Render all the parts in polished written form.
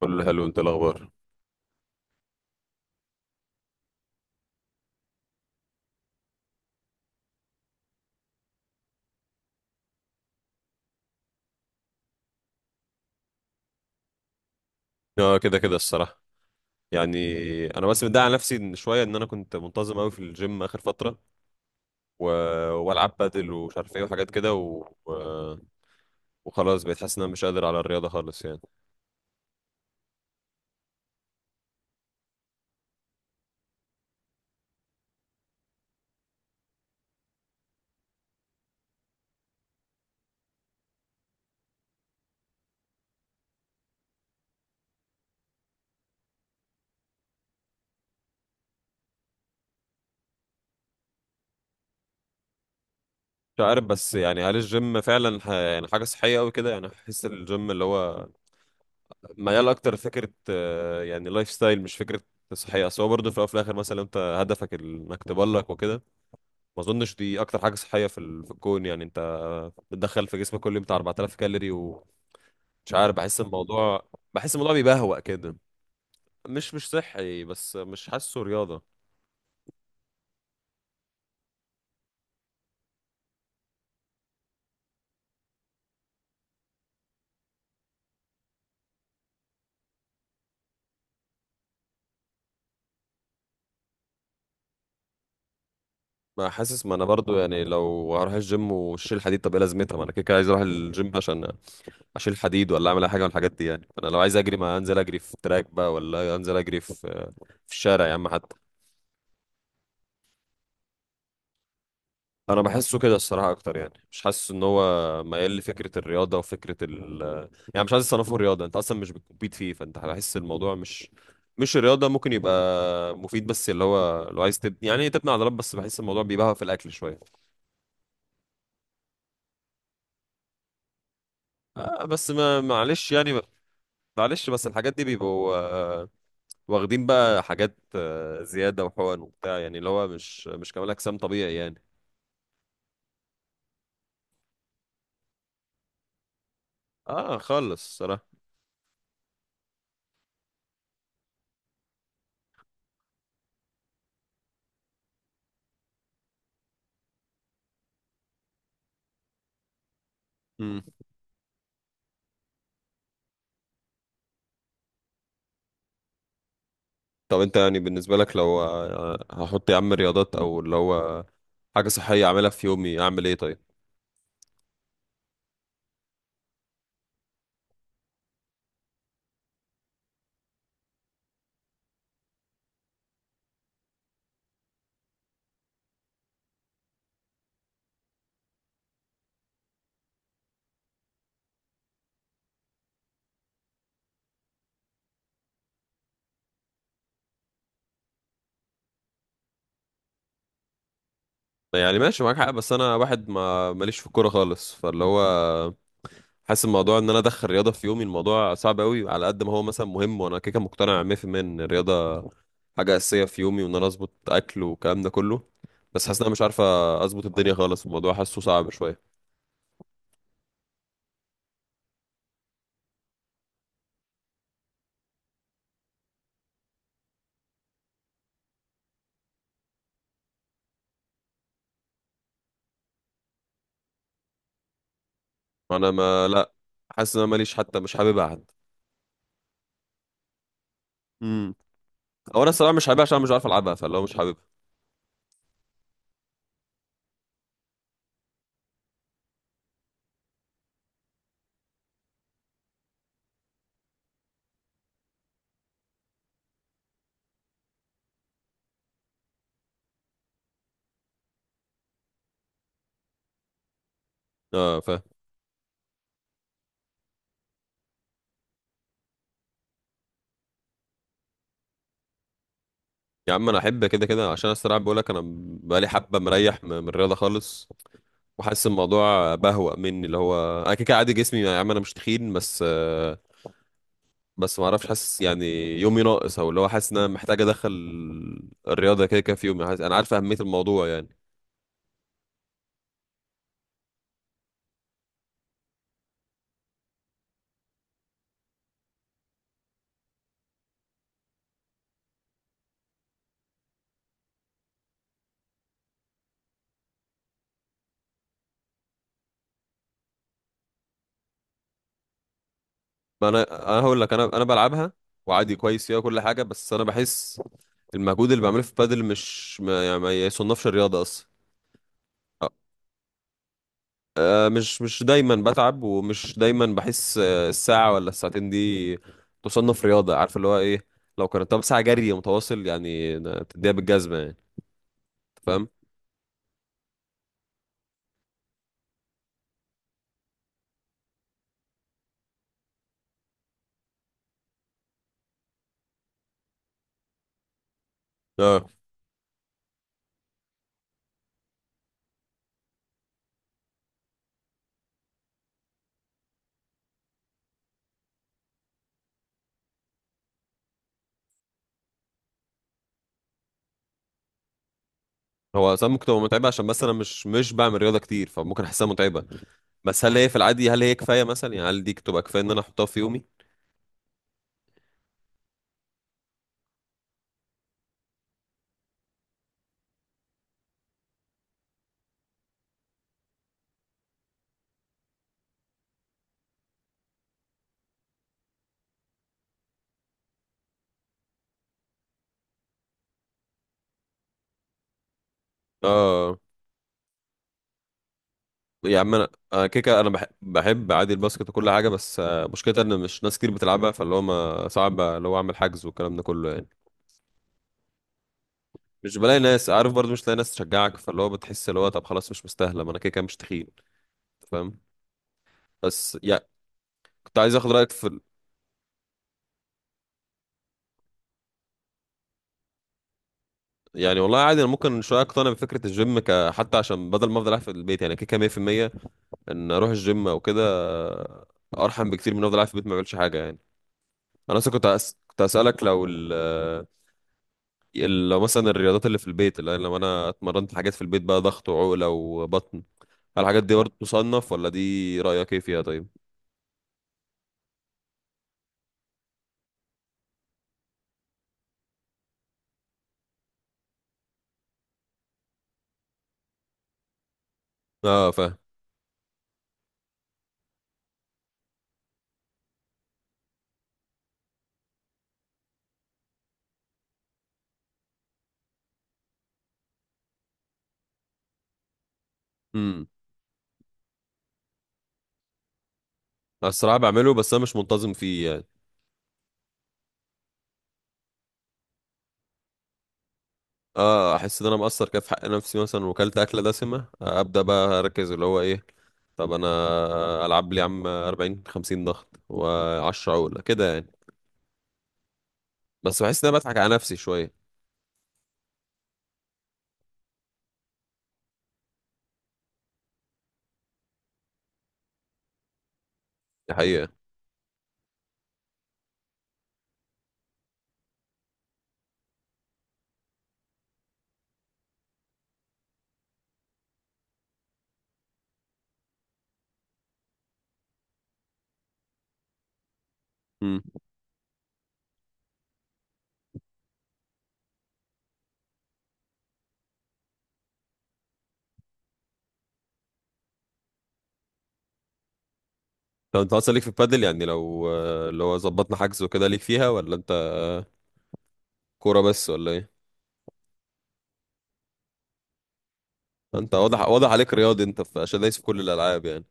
كله حلو، انت الاخبار؟ اه، كده كده الصراحه. يعني انا بس متضايق على نفسي ان شويه ان انا كنت منتظم قوي في الجيم اخر فتره و... والعب بادل ومش عارف ايه وحاجات كده وخلاص بقيت حاسس ان انا مش قادر على الرياضه خالص يعني. مش عارف، بس يعني هل الجيم فعلا يعني حاجه صحيه قوي كده؟ يعني بحس الجيم اللي هو ميال اكتر فكره يعني لايف ستايل، مش فكره صحيه. اصل هو برضه في الأول وفي الاخر مثلا لو انت هدفك انك تبلك وكده، ما اظنش دي اكتر حاجه صحيه في الكون. يعني انت بتدخل في جسمك كل يوم بتاع 4,000 كالوري ومش عارف. بحس الموضوع، بحس الموضوع بيبهوأ كده. مش صحي، بس مش حاسه رياضة. ما حاسس، ما انا برضو يعني لو هروح الجيم واشيل حديد، طب ايه لازمتها؟ ما انا كده كده عايز اروح الجيم عشان اشيل حديد ولا اعمل اي حاجه من الحاجات دي يعني. انا لو عايز اجري ما انزل اجري في تراك بقى، ولا انزل اجري في الشارع يا عم حتى. انا بحسه كده الصراحه اكتر، يعني مش حاسس ان هو ميال لفكره الرياضه وفكره ال. يعني مش عايز اصنفه رياضه، انت اصلا مش بتكمبيت فيه فانت هحس الموضوع مش الرياضه ممكن يبقى مفيد، بس اللي هو لو عايز يعني تبني عضلات، بس بحس الموضوع بيبقى في الاكل شويه. آه بس، ما معلش يعني. معلش بس الحاجات دي بيبقوا واخدين بقى حاجات زياده وحقن وبتاع، يعني اللي هو مش كمال اجسام طبيعي يعني. اه خالص صراحه. طب انت يعني بالنسبة لك لو هحط يا عم رياضات او اللي هو حاجة صحية اعملها في يومي، اعمل ايه طيب؟ يعني ماشي معاك حق، بس انا واحد ما ماليش في الكورة خالص، فاللي هو حاسس الموضوع ان انا ادخل رياضة في يومي، الموضوع صعب قوي على قد ما هو مثلا مهم. وانا كده كده مقتنع 100% ان الرياضة حاجة أساسية في يومي، وان انا اظبط اكل والكلام ده كله، بس حاسس ان انا مش عارف اظبط الدنيا خالص، الموضوع حاسه صعب شوية. انا ما لا حاسس ان انا ماليش حتى، مش حاببها حتى. امم او انا الصراحة مش حاببها عشان انا مش عارف العبها، فاللي هو مش حاببها. اه فاهم. يا عم انا احب كده كده، عشان الصراحه بقول لك انا بقالي حبه مريح من الرياضه خالص. وحاسس الموضوع بهوأ مني، اللي هو انا كده كده عادي جسمي يا عم، انا مش تخين، بس بس ما اعرفش، حاسس يعني يومي ناقص، او اللي هو حاسس ان انا محتاج ادخل الرياضه كده كده في يومي. حاسس انا عارف اهميه الموضوع يعني. ما انا هقول لك انا بلعبها وعادي كويس فيها وكل حاجه، بس انا بحس المجهود اللي بعمله في بادل مش، ما يعني ما يصنفش رياضه اصلا. مش دايما بتعب، ومش دايما بحس الساعة ولا الساعتين دي تصنف رياضة، عارف اللي هو ايه؟ لو كانت طب ساعة جري متواصل، يعني تديها بالجزمة، يعني أنت فاهم. اه هو ساعات ممكن تبقى متعبة، عشان بس انا مش بعمل رياضة كتير، فممكن احسها متعبة. بس هل هي في العادي، هل هي كفاية مثلا؟ يعني هل دي تبقى كفاية ان انا احطها في يومي؟ اه يا عم، انا كده كده انا بحب عادي الباسكت وكل حاجة، بس مشكلتها ان مش ناس كتير بتلعبها، فاللي هو ما صعب اللي هو اعمل حجز والكلام ده كله يعني. مش بلاقي ناس، عارف، برضو مش لاقي ناس تشجعك، فاللي هو بتحس اللي هو طب خلاص مش مستاهله، ما انا كده كده مش تخين، فاهم. بس يعني كنت عايز اخد رايك يعني والله عادي، انا ممكن شويه اقتنع بفكره الجيم ك حتى، عشان بدل ما افضل قاعد في البيت، يعني كده كده 100% ان اروح الجيم او كده ارحم بكتير من افضل قاعد في البيت ما بعملش حاجه يعني. انا اصلا كنت كنت اسالك لو لو مثلا الرياضات اللي في البيت، اللي لما انا اتمرنت حاجات في البيت بقى ضغط وعقله وبطن، هل الحاجات دي برضه تصنف، ولا دي رايك ايه فيها طيب؟ اه فاهم. أنا الصراحة بعمله، بس أنا مش منتظم فيه يعني. اه أحس إن أنا مقصر كده في حق نفسي، مثلا وكلت أكلة دسمة أبدأ بقى أركز اللي هو إيه. طب أنا ألعب لي يا عم 40 50 ضغط و10 عقلة كده يعني. بس بحس إن أنا بضحك على نفسي شوية. دي حقيقة. امم طب أنت أصلا ليك في البادل؟ يعني لو اللي هو ظبطنا حجز وكده ليك فيها، ولا أنت كورة بس ولا إيه؟ أنت واضح، واضح عليك رياضي، أنت عشان دايس في كل الألعاب يعني.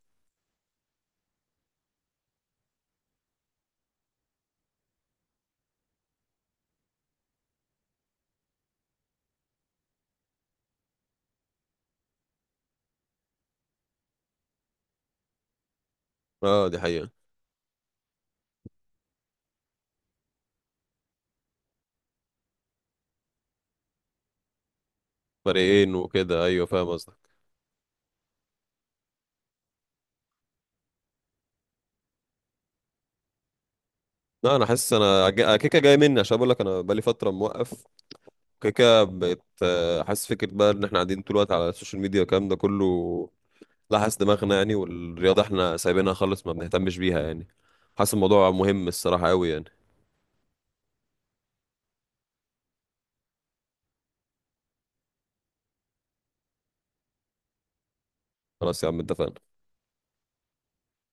اه دي حقيقة. فريقين وكده أيوه، فاهم قصدك. لا انا حاسس انا كيكه جاي مني، عشان بقول لك انا بقالي فتره موقف. كيكه بقت حاسس فكره بقى ان احنا قاعدين طول الوقت على السوشيال ميديا والكلام ده كله لحس دماغنا يعني، والرياضه احنا سايبينها خالص، ما بنهتمش بيها يعني، حاسس الموضوع مهم الصراحه قوي يعني. خلاص يا عم، اتفقنا.